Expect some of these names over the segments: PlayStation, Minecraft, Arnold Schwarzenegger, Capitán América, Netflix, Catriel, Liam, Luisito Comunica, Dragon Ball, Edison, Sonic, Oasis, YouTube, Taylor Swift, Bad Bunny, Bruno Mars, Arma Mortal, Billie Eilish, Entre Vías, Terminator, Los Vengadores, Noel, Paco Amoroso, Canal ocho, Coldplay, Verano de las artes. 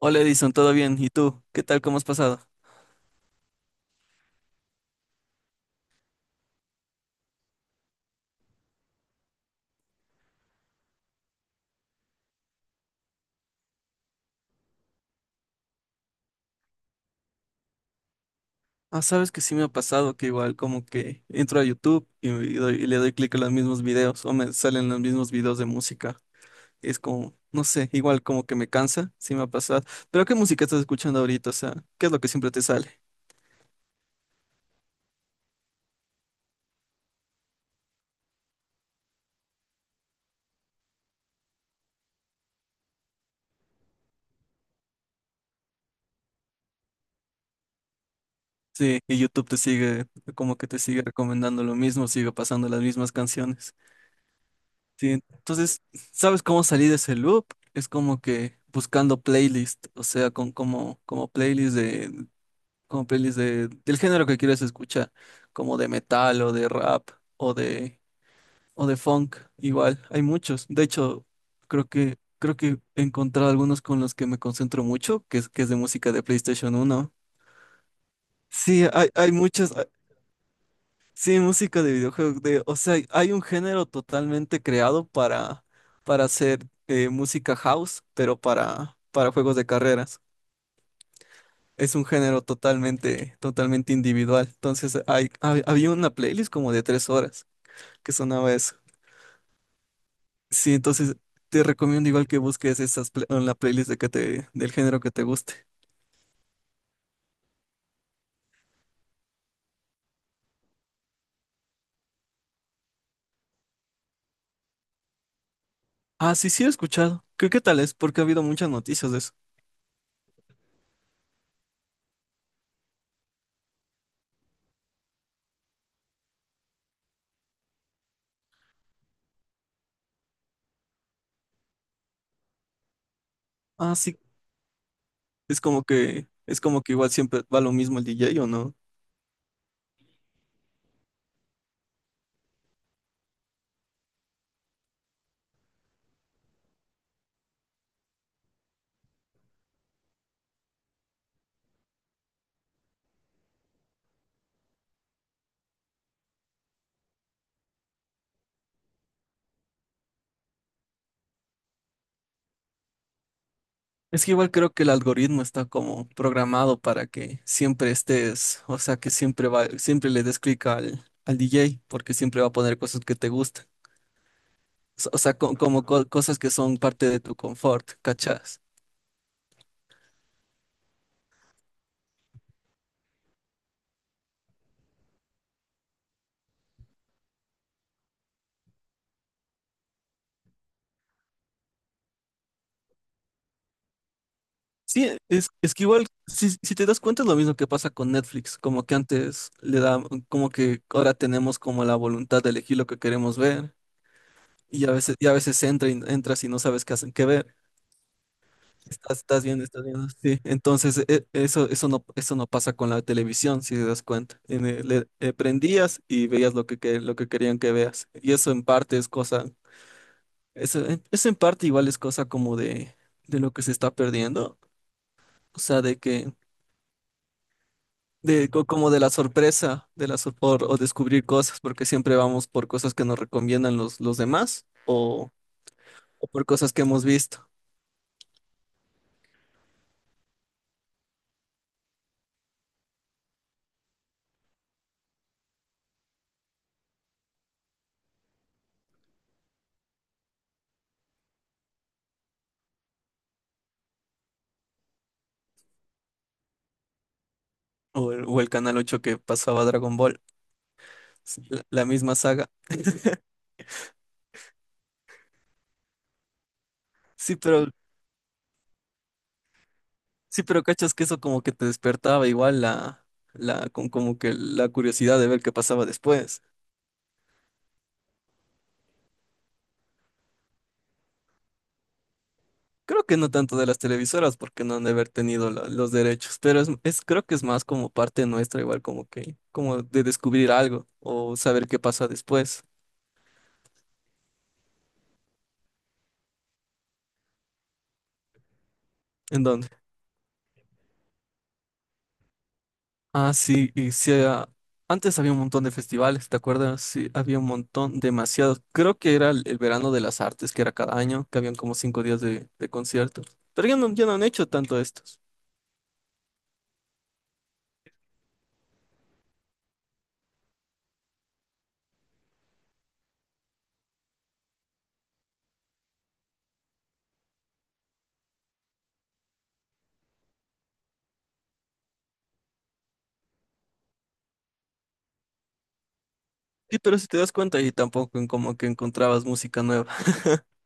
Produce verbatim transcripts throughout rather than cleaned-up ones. Hola Edison, ¿todo bien? ¿Y tú? ¿Qué tal? ¿Cómo has pasado? Ah, sabes que sí me ha pasado que igual como que entro a YouTube y, me doy- y le doy clic a los mismos videos o me salen los mismos videos de música. Es como, no sé, igual como que me cansa, sí me ha pasado. Pero ¿qué música estás escuchando ahorita? O sea, ¿qué es lo que siempre te sale? Sí, y YouTube te sigue, como que te sigue recomendando lo mismo, sigue pasando las mismas canciones. Sí, entonces, ¿sabes cómo salir de ese loop? Es como que buscando playlist, o sea, con como, como playlist como pelis de, del género que quieres escuchar, como de metal o de rap o de, o de funk, igual, hay muchos. De hecho, creo que, creo que he encontrado algunos con los que me concentro mucho, que es, que es de música de PlayStation uno. Sí, hay, hay muchas, ah, sí, música de videojuegos, de, o sea, hay un género totalmente creado para, para hacer eh, música house, pero para, para juegos de carreras. Es un género totalmente, totalmente individual. Entonces, hay, hab- había una playlist como de tres horas que sonaba eso. Sí, entonces te recomiendo igual que busques esas pla- en la playlist de que te, del género que te guste. Ah, sí, sí he escuchado. ¿Qué, qué tal es? Porque ha habido muchas noticias de eso. Ah, sí, es como que, es como que igual siempre va lo mismo el D J, ¿o no? Es que igual creo que el algoritmo está como programado para que siempre estés, o sea, que siempre va, siempre le des clic al, al D J, porque siempre va a poner cosas que te gustan. s- O sea, co- como co- cosas que son parte de tu confort, ¿cachas? Sí, es, es que igual, si, si te das cuenta, es lo mismo que pasa con Netflix, como que antes le da, como que ahora tenemos como la voluntad de elegir lo que queremos ver, y a veces, y a veces entra y- entras y no sabes qué hacen qué ver. Estás, estás viendo, estás viendo, sí. Entonces, e- eso, eso no, eso no pasa con la televisión, si te das cuenta. En el- le- eh, prendías y veías lo que, que- lo que querían que veas. Y eso en parte es cosa. Eso, eso en parte igual es cosa como de, de lo que se está perdiendo, o sea, de que, de, co- como de la sorpresa, de la sor- por- o descubrir cosas, porque siempre vamos por cosas que nos recomiendan los, los demás o, o por cosas que hemos visto. O el, o el Canal ocho que pasaba Dragon Ball, sí, la, la misma saga. Sí, pero, sí, pero cachas que eso como que te despertaba igual la, la, con- como que la curiosidad de ver qué pasaba después. Creo que no tanto de las televisoras porque no han de haber tenido la- los derechos, pero es, es- creo que es más como parte nuestra, igual como que, como de descubrir algo o saber qué pasa después. ¿En dónde? Ah, sí, y sí, ah, antes había un montón de festivales, ¿te acuerdas? Sí, había un montón, demasiados. Creo que era el, el verano de las artes, que era cada año, que habían como cinco días de, de conciertos. Pero ya no, ya no han hecho tanto estos. Sí, pero si te das cuenta, ahí tampoco en como que encontrabas música nueva.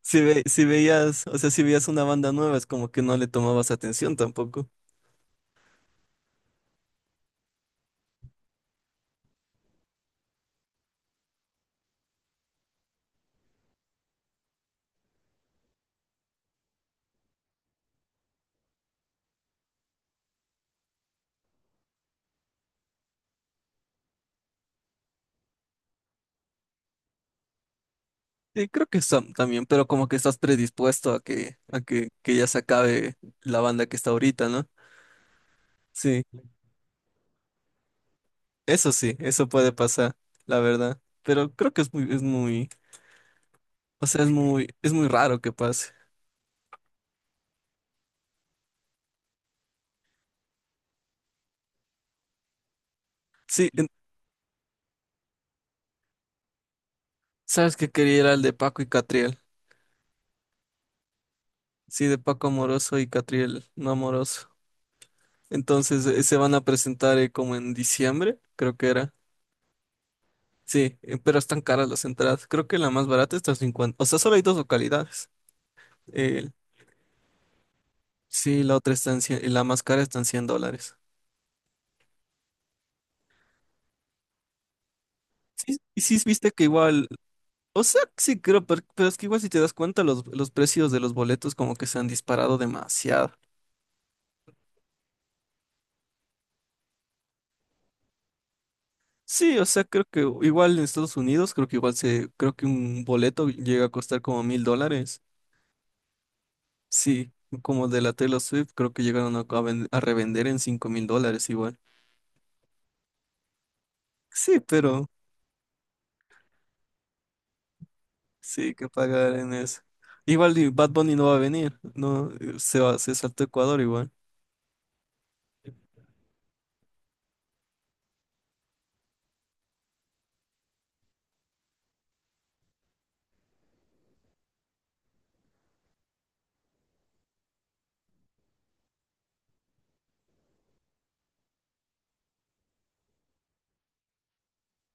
Si, ve- si veías, o sea, si veías una banda nueva, es como que no le tomabas atención tampoco. Sí, creo que está- también, pero como que estás predispuesto a que, a que, que ya se acabe la banda que está ahorita, ¿no? Sí, eso sí, eso puede pasar, la verdad. Pero creo que es muy, es muy, o sea, es muy, es muy raro que pase. Sí, en- sabes que quería ir al de Paco y Catriel. Sí, de Paco Amoroso y Catriel no amoroso. Entonces, eh, se van a presentar eh, como en diciembre, creo que era. Sí, eh, pero están caras las entradas. Creo que la más barata está en cincuenta. O sea, solo hay dos localidades. Eh, sí, la otra está en cien, y la más cara está en cien dólares. Sí, y sí, viste que igual. O sea, sí, creo, per- pero, es que igual si te das cuenta, los, los precios de los boletos como que se han disparado demasiado. Sí, o sea, creo que igual en Estados Unidos, creo que igual se, creo que un boleto llega a costar como mil dólares. Sí, como de la Taylor Swift, creo que llegaron a, a vend- a revender en cinco mil dólares igual. Sí, pero sí, que pagar en eso. Igual y Bad Bunny no va a venir, no eh, se va, se saltó Ecuador igual.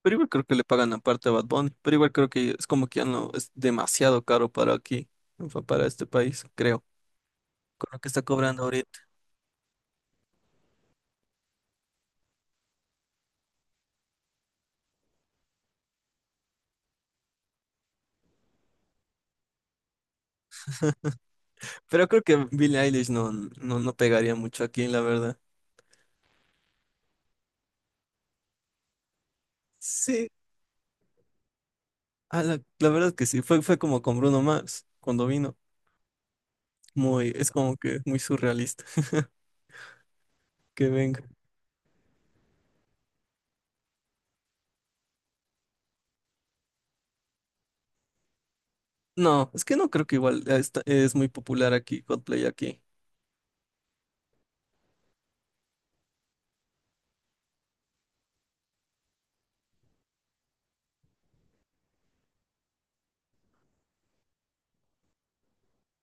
Pero igual creo que le pagan aparte a Bad Bunny, pero igual creo que es como que ya no es demasiado caro para aquí, fa- para este país, creo, con lo que está cobrando ahorita. Pero creo que Billie Eilish no, no, no pegaría mucho aquí, la verdad. Sí, a la, la verdad que sí, fue, fue como con Bruno Mars cuando vino. Muy, es como que muy surrealista que venga. No, es que no creo que igual eh, está- es muy popular aquí, Coldplay aquí.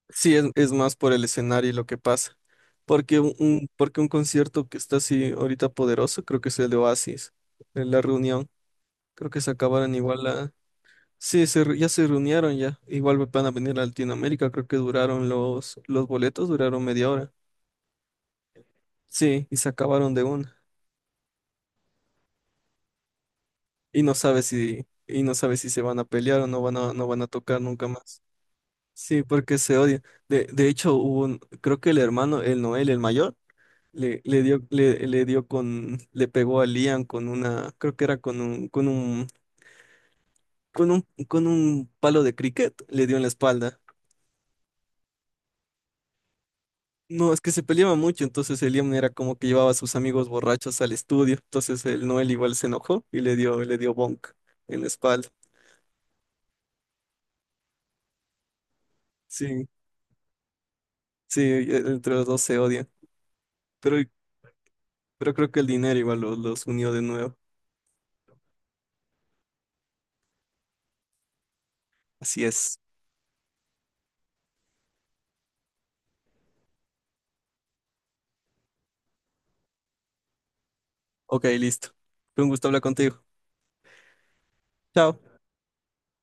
Sí, es, es más por el escenario y lo que pasa. Porque un, un- porque un concierto que está así ahorita poderoso, creo que es el de Oasis, en la reunión. Creo que se acabaron igual la... Sí, se re- ya se reunieron ya. Igual van a venir a Latinoamérica, creo que duraron los, los boletos, duraron media hora. Sí, y se acabaron de una. Y no sabe si, y no sabe si se van a pelear o no van a, no van a tocar nunca más. Sí, porque se odian. De, de hecho, hubo un- creo que el hermano, el Noel, el mayor. Le, le dio, le, le dio con, le pegó a Liam con una, creo que era con un, con un, con un, con un palo de cricket, le dio en la espalda. No, es que se peleaba mucho, entonces el Liam era como que llevaba a sus amigos borrachos al estudio, entonces el Noel igual se enojó y le dio, le dio bonk en la espalda. Sí, sí, e- entre los dos se odian, pero, pero creo que el dinero igual los, los unió de nuevo. Así es. Ok, listo. Fue un gusto hablar contigo. Chao.